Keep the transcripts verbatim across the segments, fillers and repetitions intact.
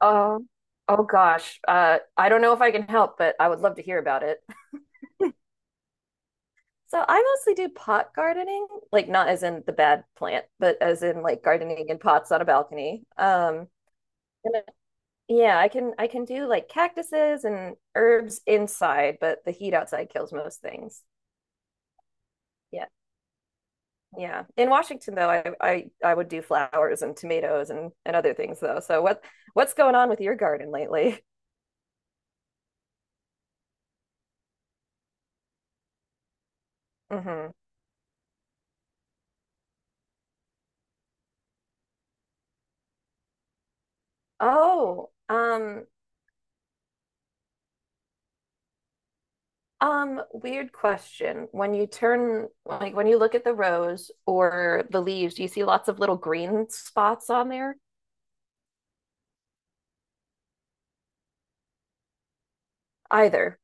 Oh, oh gosh. Uh, I don't know if I can help, but I would love to hear about it. So I mostly do pot gardening, like not as in the bad plant, but as in like gardening in pots on a balcony. Um, and I- yeah, I can I can do like cactuses and herbs inside, but the heat outside kills most things. Yeah. Yeah. In Washington though, I I, I would do flowers and tomatoes and, and other things though. So what what's going on with your garden lately? hmm Oh, um, Um, weird question. When you turn, like when you look at the rose or the leaves, do you see lots of little green spots on there? Either.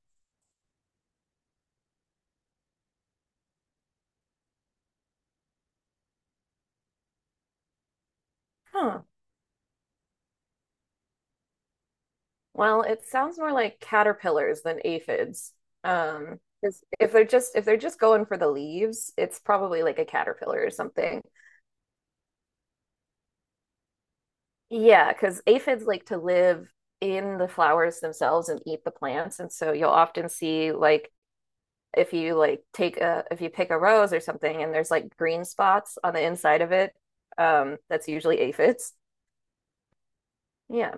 Huh. Well, it sounds more like caterpillars than aphids. Um, 'cause if they're just if they're just going for the leaves, it's probably like a caterpillar or something. Yeah, because aphids like to live in the flowers themselves and eat the plants, and so you'll often see like if you like take a if you pick a rose or something and there's like green spots on the inside of it, um, that's usually aphids. Yeah.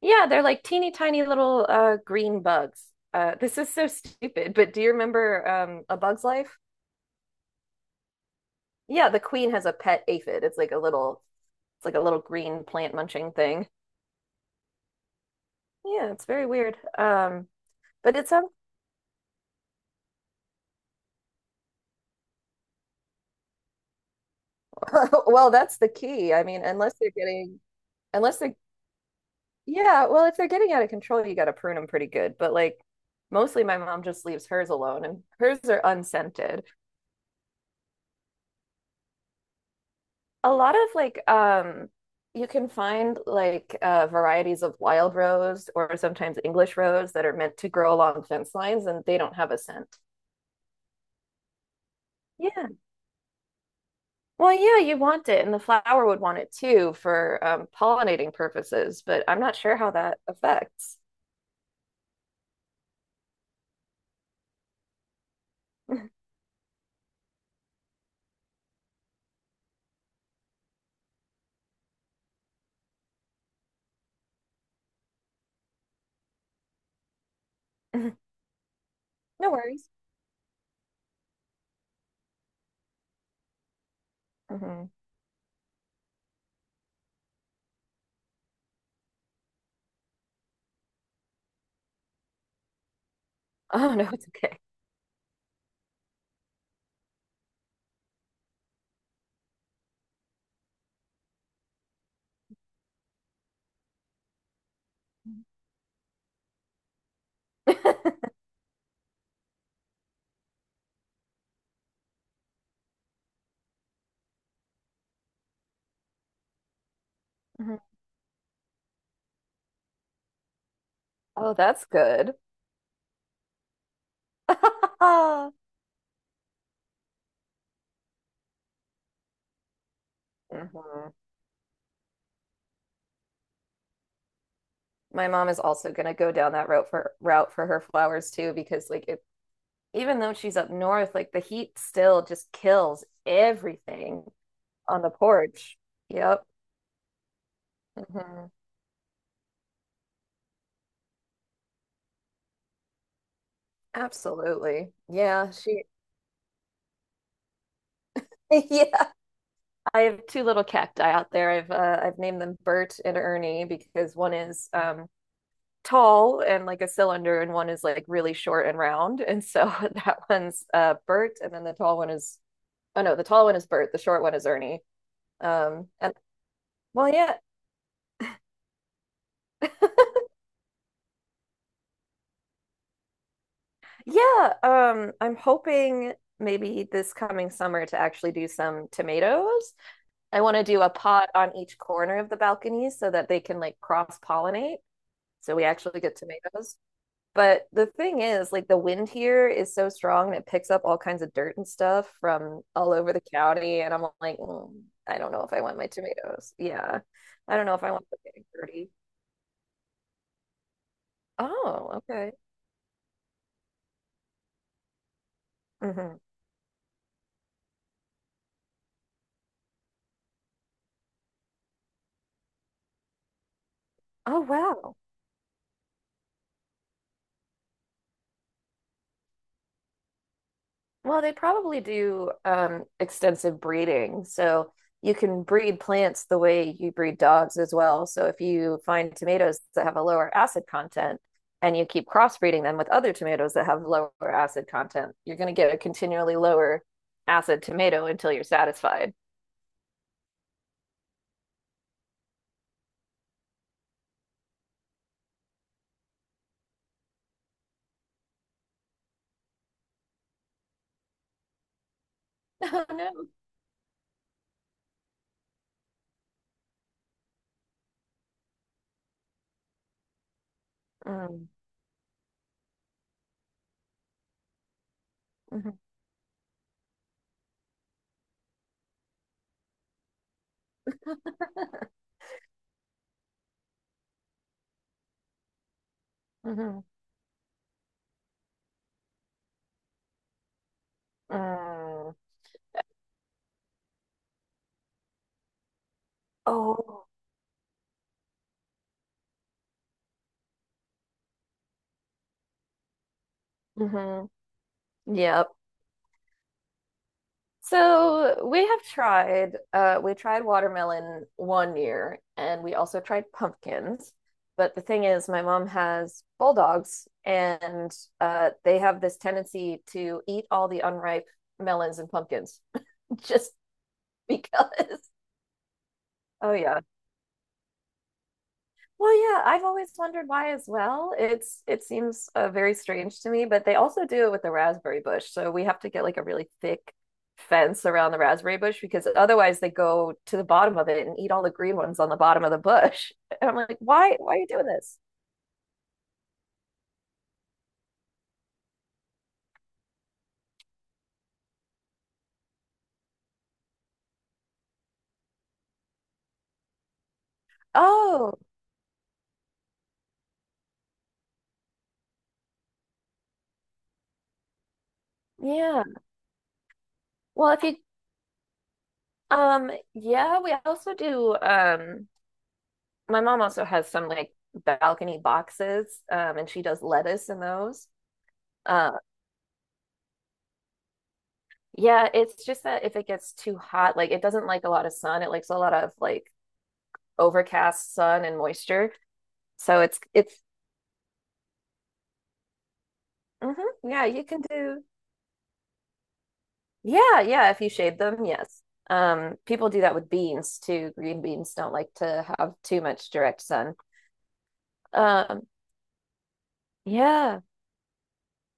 Yeah, they're like teeny tiny little uh green bugs. Uh, this is so stupid, but do you remember um A Bug's Life? Yeah, the queen has a pet aphid. It's like a little it's like a little green plant munching thing. Yeah, it's very weird. Um, but it's um Well, that's the key. I mean, unless they're getting unless they're yeah, well, if they're getting out of control, you got to prune them pretty good. But like mostly my mom just leaves hers alone and hers are unscented. A lot of like um you can find like uh varieties of wild rose or sometimes English rose that are meant to grow along fence lines and they don't have a scent. Yeah. Well, yeah, you want it and the flower would want it too for um pollinating purposes, but I'm not sure how that affects. No worries. Mhm. Oh no, it's okay. Mhm. Oh, that's good. Mhm. My mom is also gonna go down that route for route for her flowers too, because like it, even though she's up north, like the heat still just kills everything on the porch. Yep. hmm Absolutely. Yeah, she yeah. I have two little cacti out there. I've uh, I've named them Bert and Ernie because one is um tall and like a cylinder, and one is like really short and round. And so that one's uh Bert, and then the tall one is oh no, the tall one is Bert, the short one is Ernie. Um, and well, yeah, yeah. Um, I'm hoping maybe this coming summer to actually do some tomatoes. I want to do a pot on each corner of the balcony so that they can like cross pollinate. So we actually get tomatoes. But the thing is, like the wind here is so strong and it picks up all kinds of dirt and stuff from all over the county. And I'm like, "Mm, I don't know if I want my tomatoes. Yeah. I don't know if I want them getting dirty. Oh, okay. hmm Oh, wow. Well, they probably do um, extensive breeding. So you can breed plants the way you breed dogs as well. So if you find tomatoes that have a lower acid content and you keep crossbreeding them with other tomatoes that have lower acid content, you're going to get a continually lower acid tomato until you're satisfied. Oh no. Mm, mhm, mhm, mm. Oh, hmm Yep. So we have tried, uh, we tried watermelon one year and we also tried pumpkins. But the thing is, my mom has bulldogs and uh, they have this tendency to eat all the unripe melons and pumpkins just because. Oh, yeah. Well, yeah, I've always wondered why as well. It's it seems uh, very strange to me, but they also do it with the raspberry bush. So we have to get like a really thick fence around the raspberry bush because otherwise they go to the bottom of it and eat all the green ones on the bottom of the bush. And I'm like, why why are you doing this? Oh, yeah. Well, if you um yeah, we also do um my mom also has some like balcony boxes um and she does lettuce in those. Yeah, it's just that if it gets too hot, like it doesn't like a lot of sun. It likes a lot of like overcast sun and moisture. So it's it's hmm yeah, you can do yeah, yeah, if you shade them, yes. Um, people do that with beans too. Green beans don't like to have too much direct sun. Um, yeah,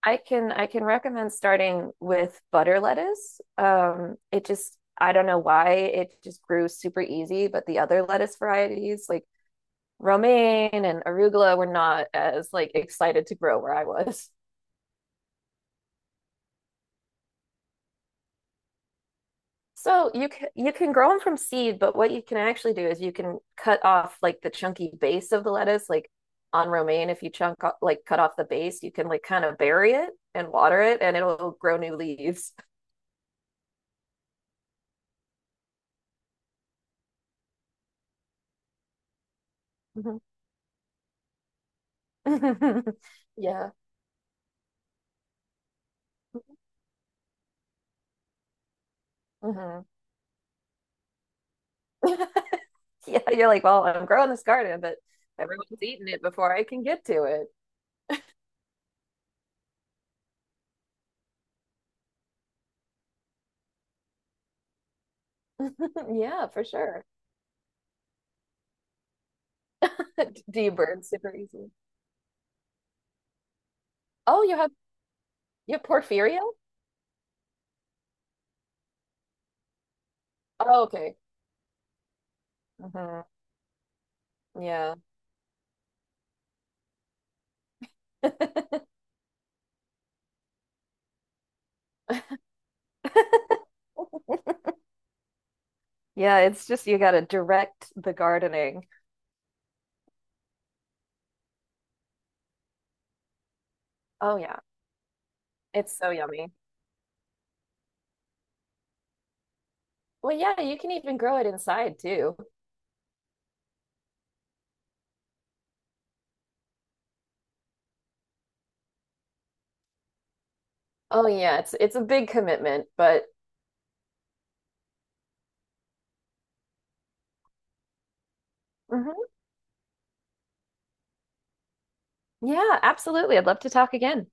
I can I can recommend starting with butter lettuce. Um, it just I don't know why it just grew super easy, but the other lettuce varieties like romaine and arugula were not as like excited to grow where I was. So you can you can grow them from seed, but what you can actually do is you can cut off like the chunky base of the lettuce, like on romaine. If you chunk like cut off the base, you can like kind of bury it and water it, and it'll grow new leaves. Mhm. Yeah. hmm Yeah, you're like, well, I'm growing this garden, but everyone's eating it before I can get to it. Yeah, for sure. Do you burn super easily? Oh, you have You have porphyria? Oh, okay. hmm Yeah. Yeah, it's just you gotta direct the gardening. Oh yeah, it's so yummy. Well, yeah, you can even grow it inside too. Oh yeah, it's it's a big commitment, but Mhm. Yeah, absolutely. I'd love to talk again.